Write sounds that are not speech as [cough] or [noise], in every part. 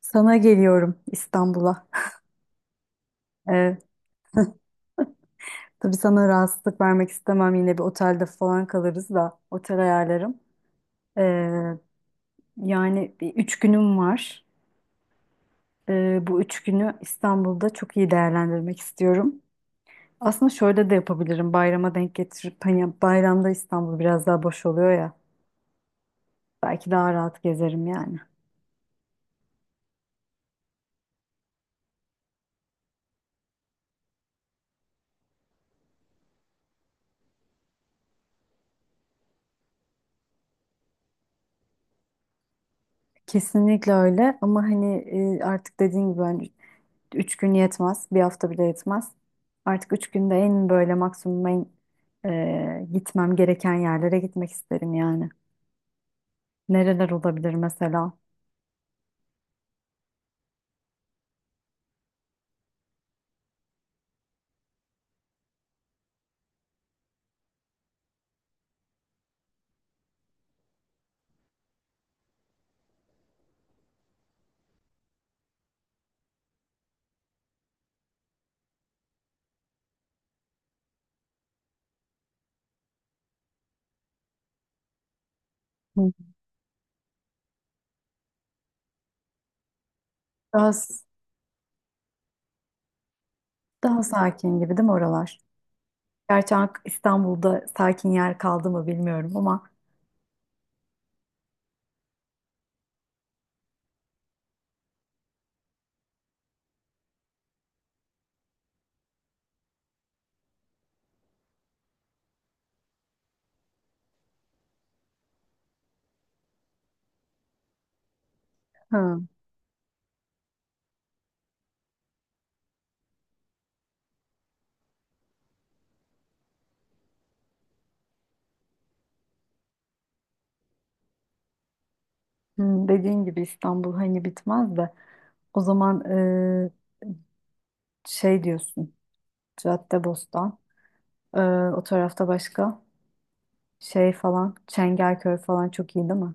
Sana geliyorum İstanbul'a. Ee, tabii sana rahatsızlık vermek istemem. Yine bir otelde falan kalırız da otel ayarlarım. Ee, yani bir üç günüm var. Bu üç günü İstanbul'da çok iyi değerlendirmek istiyorum. Aslında şöyle de yapabilirim. Bayrama denk getirip hani bayramda İstanbul biraz daha boş oluyor ya. Belki daha rahat gezerim yani. Kesinlikle öyle ama hani artık dediğin gibi ben. Üç gün yetmez. Bir hafta bile yetmez. Artık üç günde en böyle maksimum en gitmem gereken yerlere gitmek isterim yani. Nereler olabilir mesela? Hı. Daha, s- daha sakin gibi değil mi oralar? Gerçi İstanbul'da sakin yer kaldı mı bilmiyorum ama hı, hı, dediğin gibi İstanbul hani bitmez de o zaman şey diyorsun Caddebostan e, o tarafta başka şey falan Çengelköy falan çok iyi değil mi?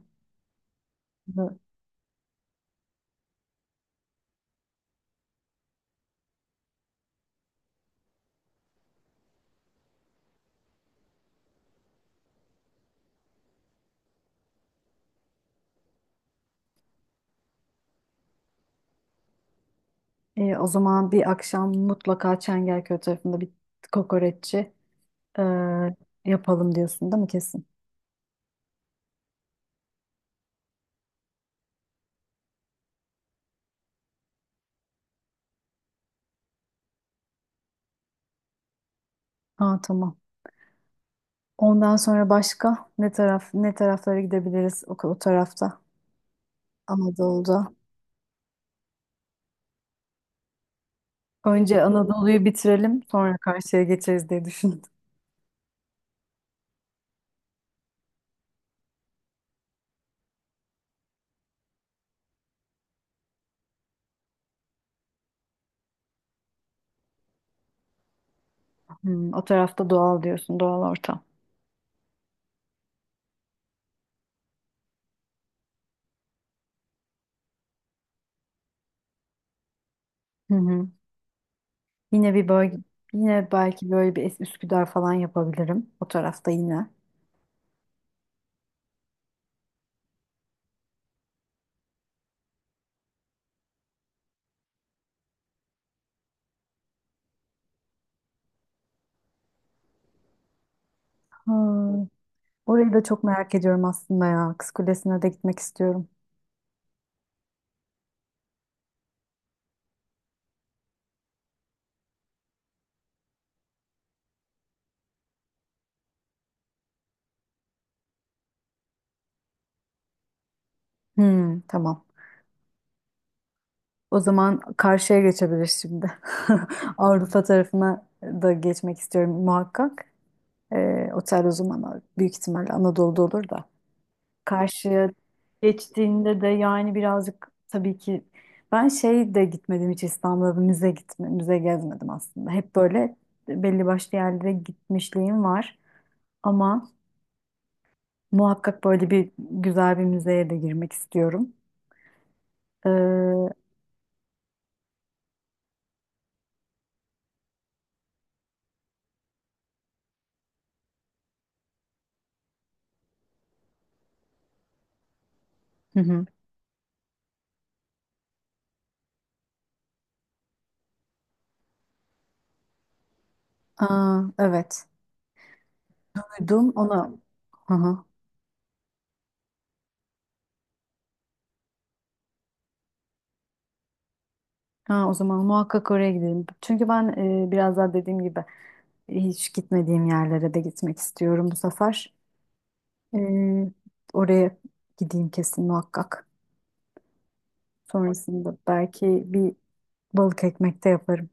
O zaman bir akşam mutlaka Çengelköy tarafında bir kokoreççi e, yapalım diyorsun değil mi kesin? Ha tamam. Ondan sonra başka ne taraf ne taraflara gidebiliriz o tarafta Anadolu'da. Önce Anadolu'yu bitirelim sonra karşıya geçeriz diye düşündüm. Hmm, o tarafta doğal diyorsun doğal ortam. Hı hı. Yine bir bölge yine belki böyle bir Üsküdar falan yapabilirim o tarafta yine. Ha, orayı da çok merak ediyorum aslında ya. Kız Kulesi'ne de gitmek istiyorum. Hmm, tamam. O zaman karşıya geçebiliriz şimdi. [laughs] Avrupa tarafına da geçmek istiyorum muhakkak. Otel o zaman büyük ihtimalle Anadolu'da olur da. Karşıya geçtiğinde de yani birazcık tabii ki ben şey de gitmedim hiç İstanbul'da müze gitme, müze gezmedim aslında. Hep böyle belli başlı yerlere gitmişliğim var. Ama muhakkak böyle bir güzel bir müzeye de girmek istiyorum. Hı hı. Aa, evet. Duydum ona. Hı hı. Ha, o zaman muhakkak oraya gidelim. Çünkü ben biraz daha dediğim gibi hiç gitmediğim yerlere de gitmek istiyorum bu sefer. E, oraya gideyim kesin muhakkak. Sonrasında belki bir balık ekmek de yaparım.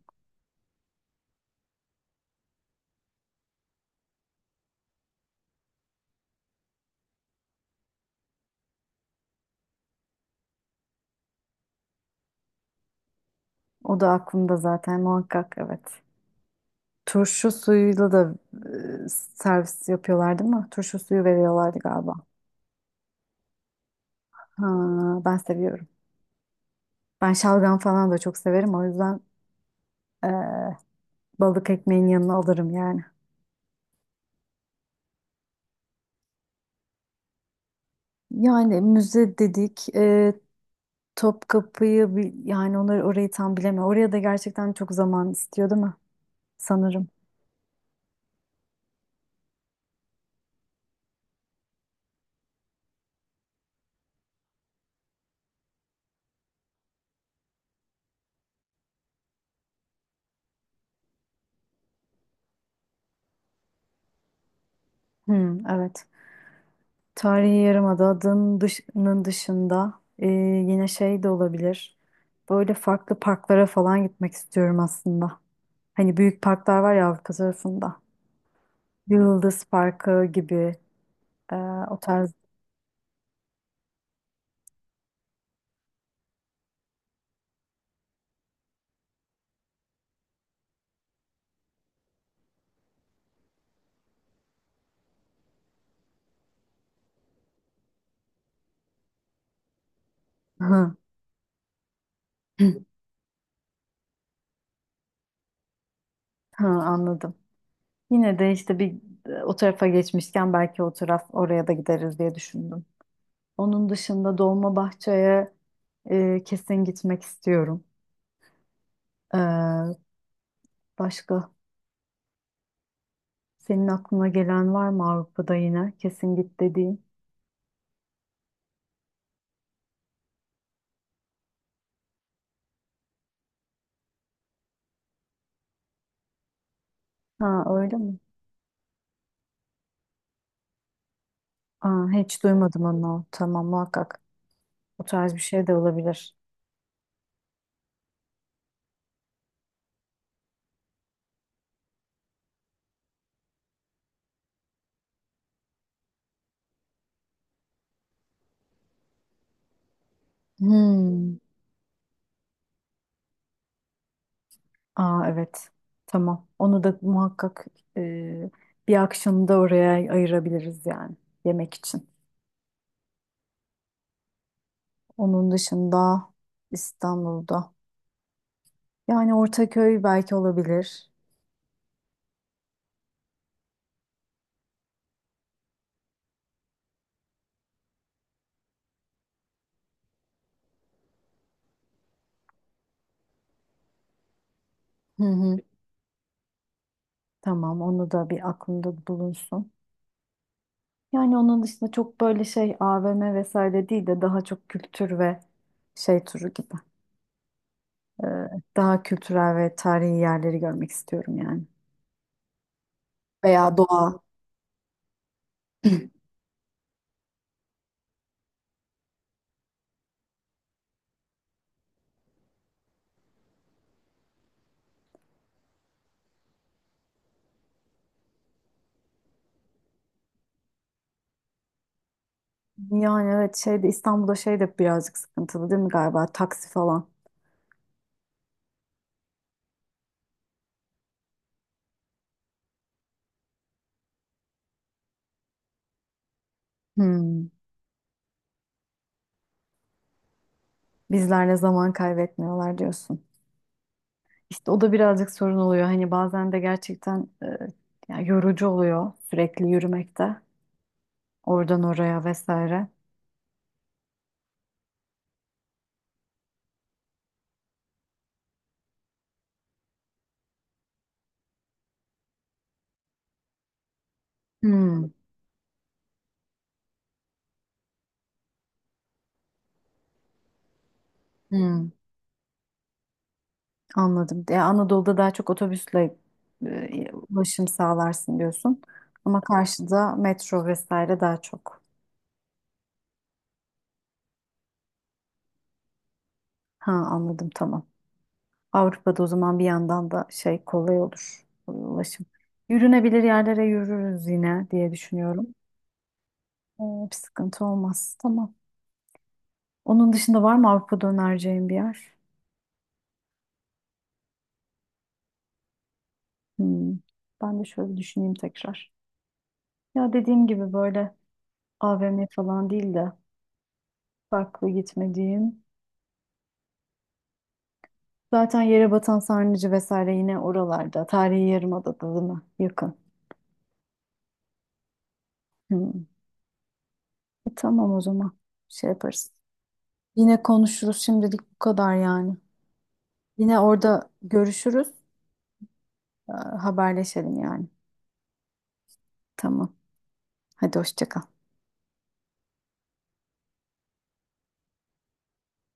O da aklımda zaten muhakkak evet. Turşu suyuyla da servis yapıyorlar değil mi? Turşu suyu veriyorlardı galiba. Ha, ben seviyorum. Ben şalgam falan da çok severim. O yüzden e, balık ekmeğin yanına alırım yani. Yani müze dedik, Topkapı'yı yani onları orayı tam bilemiyorum. Oraya da gerçekten çok zaman istiyor değil mi? Sanırım. Hmm, evet. Tarihi Yarımada'nın dışının dışında yine şey de olabilir. Böyle farklı parklara falan gitmek istiyorum aslında. Hani büyük parklar var ya Avrupa tarafında. Yıldız Parkı gibi e, o tarz. Hı. Ha, anladım. Yine de işte bir o tarafa geçmişken belki o taraf oraya da gideriz diye düşündüm. Onun dışında Dolmabahçe'ye kesin gitmek istiyorum. Ee, başka senin aklına gelen var mı Avrupa'da yine kesin git dediğin? Ha öyle mi? Aa, hiç duymadım onu. Tamam muhakkak. O tarz bir şey de olabilir. Hmm. Aa evet. Tamam. Onu da muhakkak e, bir akşamı da oraya ayırabiliriz yani yemek için. Onun dışında İstanbul'da. Yani Ortaköy belki olabilir. Hı hı. Tamam, onu da bir aklımda bulunsun. Yani onun dışında çok böyle şey AVM vesaire değil de daha çok kültür ve şey turu gibi. Ee, daha kültürel ve tarihi yerleri görmek istiyorum yani. Veya doğa. Yani evet şeyde İstanbul'da şey de birazcık sıkıntılı değil mi galiba? Taksi falan. Hmm. Bizlerle zaman kaybetmiyorlar diyorsun. İşte o da birazcık sorun oluyor. Hani bazen de gerçekten yani yorucu oluyor sürekli yürümekte. Oradan oraya vesaire. Hmm. Hmm. Anladım. Ya Anadolu'da daha çok otobüsle ulaşım sağlarsın diyorsun. Ama karşıda metro vesaire daha çok. Ha anladım tamam. Avrupa'da o zaman bir yandan da şey kolay olur ulaşım. Yürünebilir yerlere yürürüz yine diye düşünüyorum. Ee, bir sıkıntı olmaz. Tamam. Onun dışında var mı Avrupa'da önereceğim bir yer? Hmm. Ben de şöyle bir düşüneyim tekrar. Ya dediğim gibi böyle AVM falan değil de farklı gitmediğim. Zaten yere batan Sarnıcı vesaire yine oralarda. Tarihi Yarımada'da değil mi? Yakın. Hmm. Tamam o zaman. Şey yaparız. Yine konuşuruz. Şimdilik bu kadar yani. Yine orada görüşürüz. Haberleşelim yani. Tamam. Hadi hoşça kal.